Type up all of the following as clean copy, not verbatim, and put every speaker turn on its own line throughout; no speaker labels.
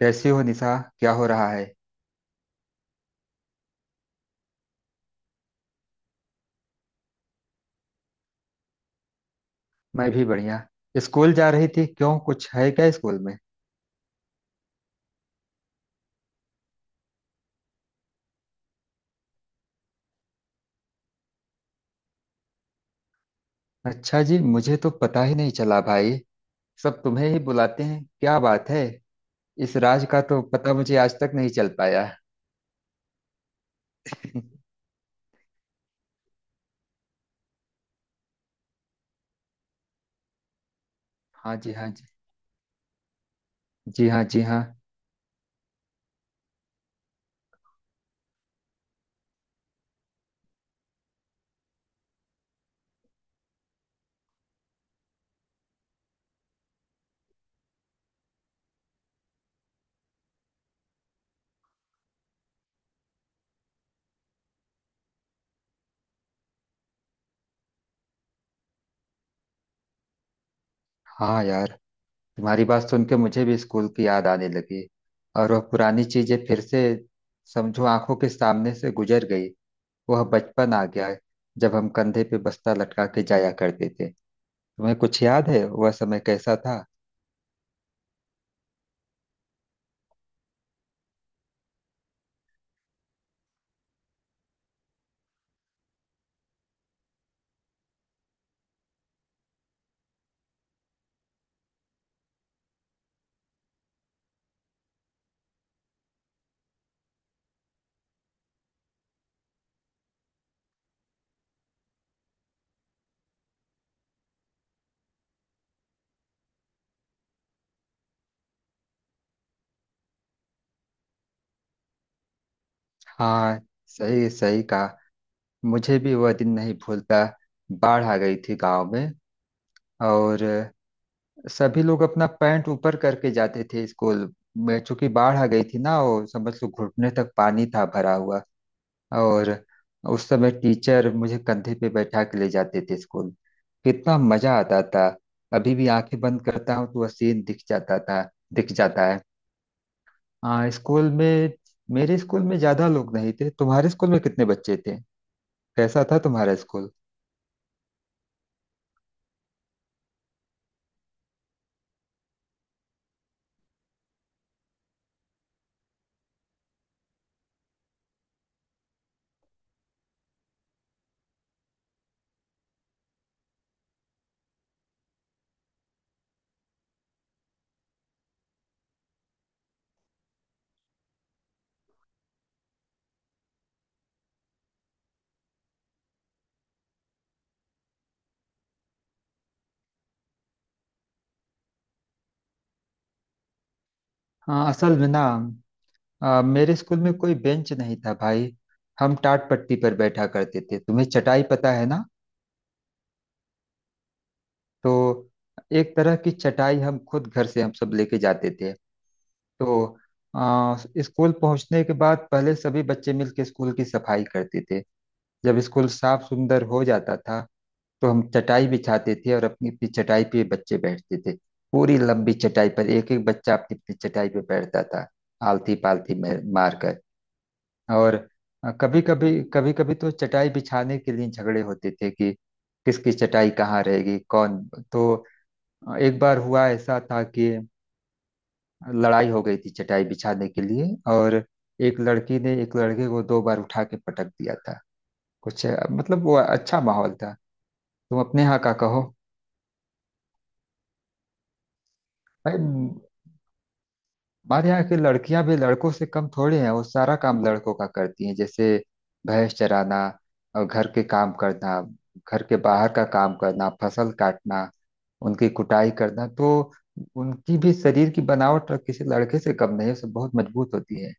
कैसी हो निशा? क्या हो रहा है? मैं भी बढ़िया। स्कूल जा रही थी, क्यों? कुछ है क्या स्कूल में? अच्छा जी, मुझे तो पता ही नहीं चला भाई। सब तुम्हें ही बुलाते हैं, क्या बात है। इस राज का तो पता मुझे आज तक नहीं चल पाया। हाँ जी, हाँ जी। जी हाँ, जी हाँ। हाँ यार, तुम्हारी बात सुन के मुझे भी स्कूल की याद आने लगी। और वह पुरानी चीजें फिर से समझो आंखों के सामने से गुजर गई। वह बचपन आ गया, जब हम कंधे पे बस्ता लटका के जाया करते थे। तुम्हें कुछ याद है वह समय कैसा था? हाँ, सही सही कहा। मुझे भी वह दिन नहीं भूलता। बाढ़ आ गई थी गांव में, और सभी लोग अपना पैंट ऊपर करके जाते थे स्कूल में, चूंकि बाढ़ आ गई थी ना, वो समझ लो घुटने तक पानी था भरा हुआ। और उस समय टीचर मुझे कंधे पे बैठा के ले जाते थे स्कूल। कितना मजा आता था। अभी भी आंखें बंद करता हूँ तो वह सीन दिख जाता था। दिख जाता है। हाँ, स्कूल में। मेरे स्कूल में ज्यादा लोग नहीं थे। तुम्हारे स्कूल में कितने बच्चे थे? कैसा था तुम्हारा स्कूल? हाँ, असल में ना मेरे स्कूल में कोई बेंच नहीं था भाई। हम टाट पट्टी पर बैठा करते थे, तुम्हें चटाई पता है ना? तो एक तरह की चटाई हम खुद घर से हम सब लेके जाते थे। तो आ, स्कूल पहुंचने के बाद पहले सभी बच्चे मिलके स्कूल की सफाई करते थे। जब स्कूल साफ सुंदर हो जाता था, तो हम चटाई बिछाते थे और अपनी अपनी चटाई पे बच्चे बैठते थे। पूरी लंबी चटाई पर एक एक बच्चा अपनी अपनी चटाई पे बैठता था, आलती पालती मार कर। और कभी कभी तो चटाई बिछाने के लिए झगड़े होते थे कि किसकी चटाई कहाँ रहेगी, कौन। तो एक बार हुआ ऐसा था कि लड़ाई हो गई थी चटाई बिछाने के लिए, और एक लड़की ने एक लड़के को दो बार उठा के पटक दिया था। कुछ मतलब वो अच्छा माहौल था। तुम अपने यहाँ का कहो। भाई, हमारे यहाँ की लड़कियां भी लड़कों से कम थोड़ी हैं, वो सारा काम लड़कों का करती हैं, जैसे भैंस चराना, और घर के काम करना, घर के बाहर का काम करना, फसल काटना, उनकी कुटाई करना। तो उनकी भी शरीर की बनावट किसी लड़के से कम नहीं है, सब बहुत मजबूत होती है।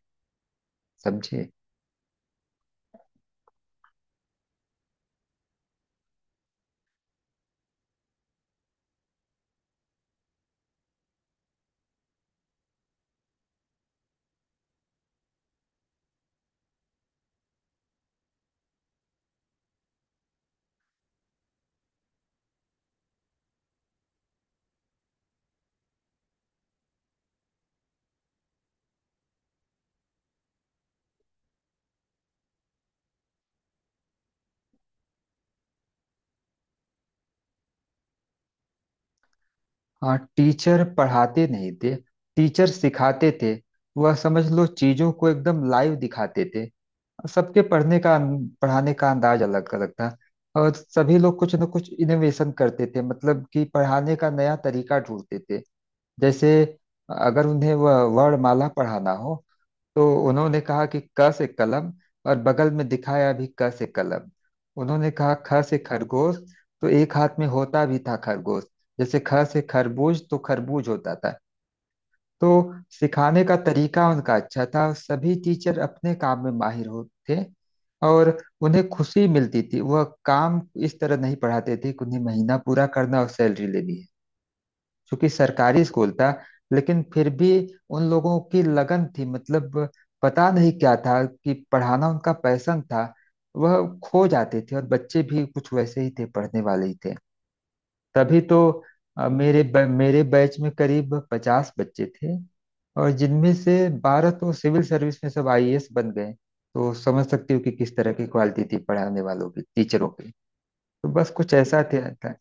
समझे? हाँ, टीचर पढ़ाते नहीं थे। टीचर सिखाते थे। वह समझ लो चीजों को एकदम लाइव दिखाते थे। सबके पढ़ने का, पढ़ाने का अंदाज अलग अलग था। और सभी लोग कुछ न कुछ इनोवेशन करते थे, मतलब कि पढ़ाने का नया तरीका ढूंढते थे। जैसे अगर उन्हें वह वर्णमाला पढ़ाना हो, तो उन्होंने कहा कि क से कलम, और बगल में दिखाया भी क से कलम। उन्होंने कहा ख से खरगोश, तो एक हाथ में होता भी था खरगोश। जैसे ख से खरबूज तो खरबूज होता था। तो सिखाने का तरीका उनका अच्छा था, सभी टीचर अपने काम में माहिर होते। और उन्हें खुशी मिलती थी वह काम। इस तरह नहीं पढ़ाते थे कि उन्हें महीना पूरा करना और सैलरी लेनी है, क्योंकि सरकारी स्कूल था। लेकिन फिर भी उन लोगों की लगन थी, मतलब पता नहीं क्या था, कि पढ़ाना उनका पैशन था। वह खो जाते थे, और बच्चे भी कुछ वैसे ही थे, पढ़ने वाले ही थे। तभी तो मेरे मेरे बैच में करीब 50 बच्चे थे। और जिनमें से 12 तो सिविल सर्विस में सब आईएएस बन गए। तो समझ सकती हो कि किस तरह की क्वालिटी थी पढ़ाने वालों की, टीचरों की। तो बस कुछ ऐसा था।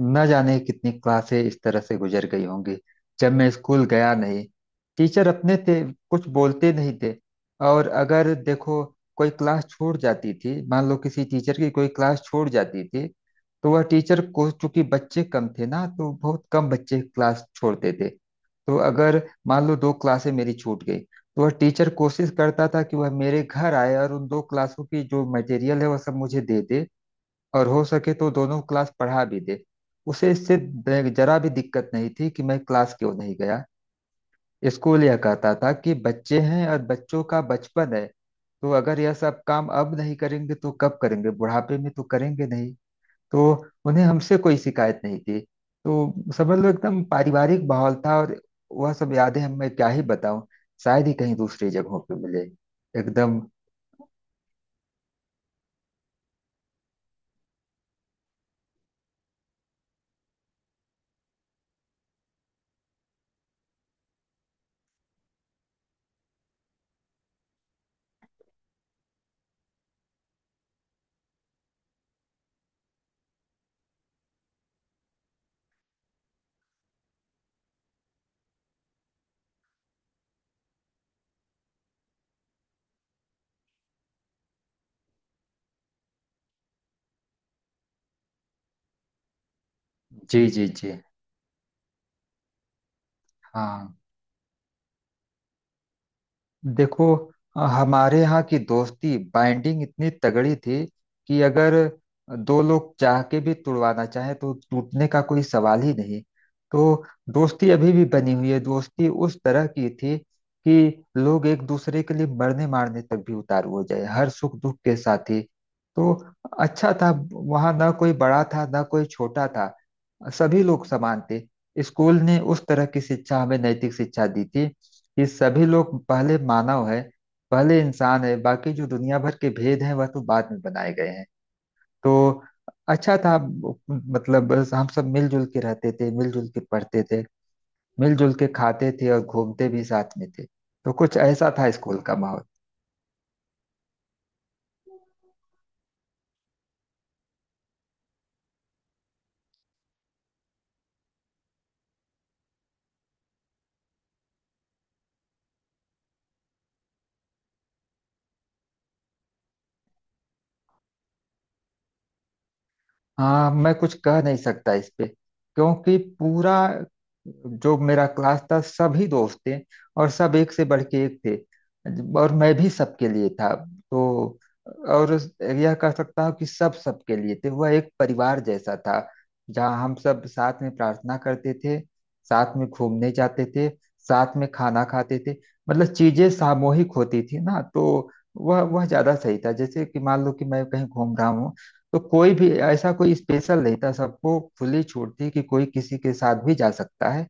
न जाने कितनी क्लासें इस तरह से गुजर गई होंगी, जब मैं स्कूल गया नहीं। टीचर अपने थे, कुछ बोलते नहीं थे। और अगर देखो कोई क्लास छूट जाती थी, मान लो किसी टीचर की कोई क्लास छूट जाती थी, तो वह टीचर को, चूंकि बच्चे कम थे ना, तो बहुत कम बच्चे क्लास छोड़ते थे। तो अगर मान लो दो क्लासें मेरी छूट गई, तो वह टीचर कोशिश करता था कि वह मेरे घर आए और उन दो क्लासों की जो मटेरियल है वह सब मुझे दे दे। और हो सके तो दोनों क्लास पढ़ा भी दे। उसे इससे जरा भी दिक्कत नहीं थी कि मैं क्लास क्यों नहीं गया। स्कूल यह कहता था कि बच्चे हैं और बच्चों का बचपन है, तो अगर यह सब काम अब नहीं करेंगे तो कब करेंगे, बुढ़ापे में तो करेंगे नहीं। तो उन्हें हमसे कोई शिकायत नहीं थी। तो समझ लो एकदम पारिवारिक माहौल था। और वह सब यादें हम मैं क्या ही बताऊं। शायद ही कहीं दूसरी जगहों पे मिले। एकदम। जी जी जी। हाँ। देखो, हमारे यहाँ की दोस्ती बाइंडिंग इतनी तगड़ी थी, कि अगर दो लोग चाह के भी तुड़वाना चाहें तो टूटने का कोई सवाल ही नहीं। तो दोस्ती अभी भी बनी हुई है। दोस्ती उस तरह की थी कि लोग एक दूसरे के लिए मरने मारने तक भी उतारू हो जाए, हर सुख दुख के साथी। तो अच्छा था, वहाँ ना कोई बड़ा था ना कोई छोटा था, सभी लोग समान थे। स्कूल ने उस तरह की शिक्षा, हमें नैतिक शिक्षा दी थी, कि सभी लोग पहले मानव है, पहले इंसान है, बाकी जो दुनिया भर के भेद हैं वह तो बाद में बनाए गए हैं। तो अच्छा था, मतलब बस हम सब मिलजुल के रहते थे, मिलजुल के पढ़ते थे, मिलजुल के खाते थे, और घूमते भी साथ में थे, तो कुछ ऐसा था स्कूल का माहौल। हाँ, मैं कुछ कह नहीं सकता इस पे, क्योंकि पूरा जो मेरा क्लास था, सभी दोस्त थे, और सब एक से बढ़ के एक थे, और मैं भी सबके लिए था। तो, और यह कह सकता हूँ कि सब सबके लिए थे, वह एक परिवार जैसा था, जहाँ हम सब साथ में प्रार्थना करते थे, साथ में घूमने जाते थे, साथ में खाना खाते थे। मतलब चीजें सामूहिक होती थी ना, तो वह ज्यादा सही था। जैसे कि मान लो कि मैं कहीं घूम रहा हूँ, तो कोई भी ऐसा कोई स्पेशल नहीं था, सबको खुली छूट थी कि कोई किसी के साथ भी जा सकता है।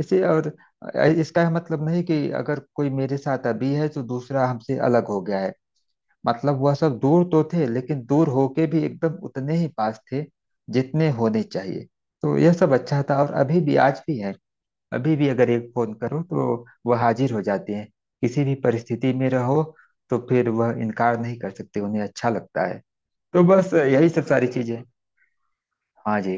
इसे, और इसका यह मतलब नहीं कि अगर कोई मेरे साथ अभी है तो दूसरा हमसे अलग हो गया है। मतलब वह सब दूर तो थे, लेकिन दूर होके भी एकदम उतने ही पास थे, जितने होने चाहिए। तो यह सब अच्छा था, और अभी भी, आज भी है। अभी भी अगर एक फोन करो तो वह हाजिर हो जाते हैं, किसी भी परिस्थिति में रहो। तो फिर वह इनकार नहीं कर सकते, उन्हें अच्छा लगता है। तो बस यही सब सारी चीजें। हाँ जी।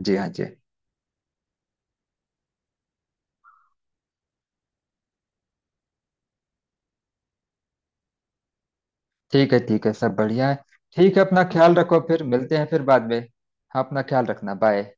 जी हाँ जी। ठीक है, ठीक है, सब बढ़िया है। ठीक है, अपना ख्याल रखो, फिर मिलते हैं फिर बाद में। हाँ, अपना ख्याल रखना, बाय।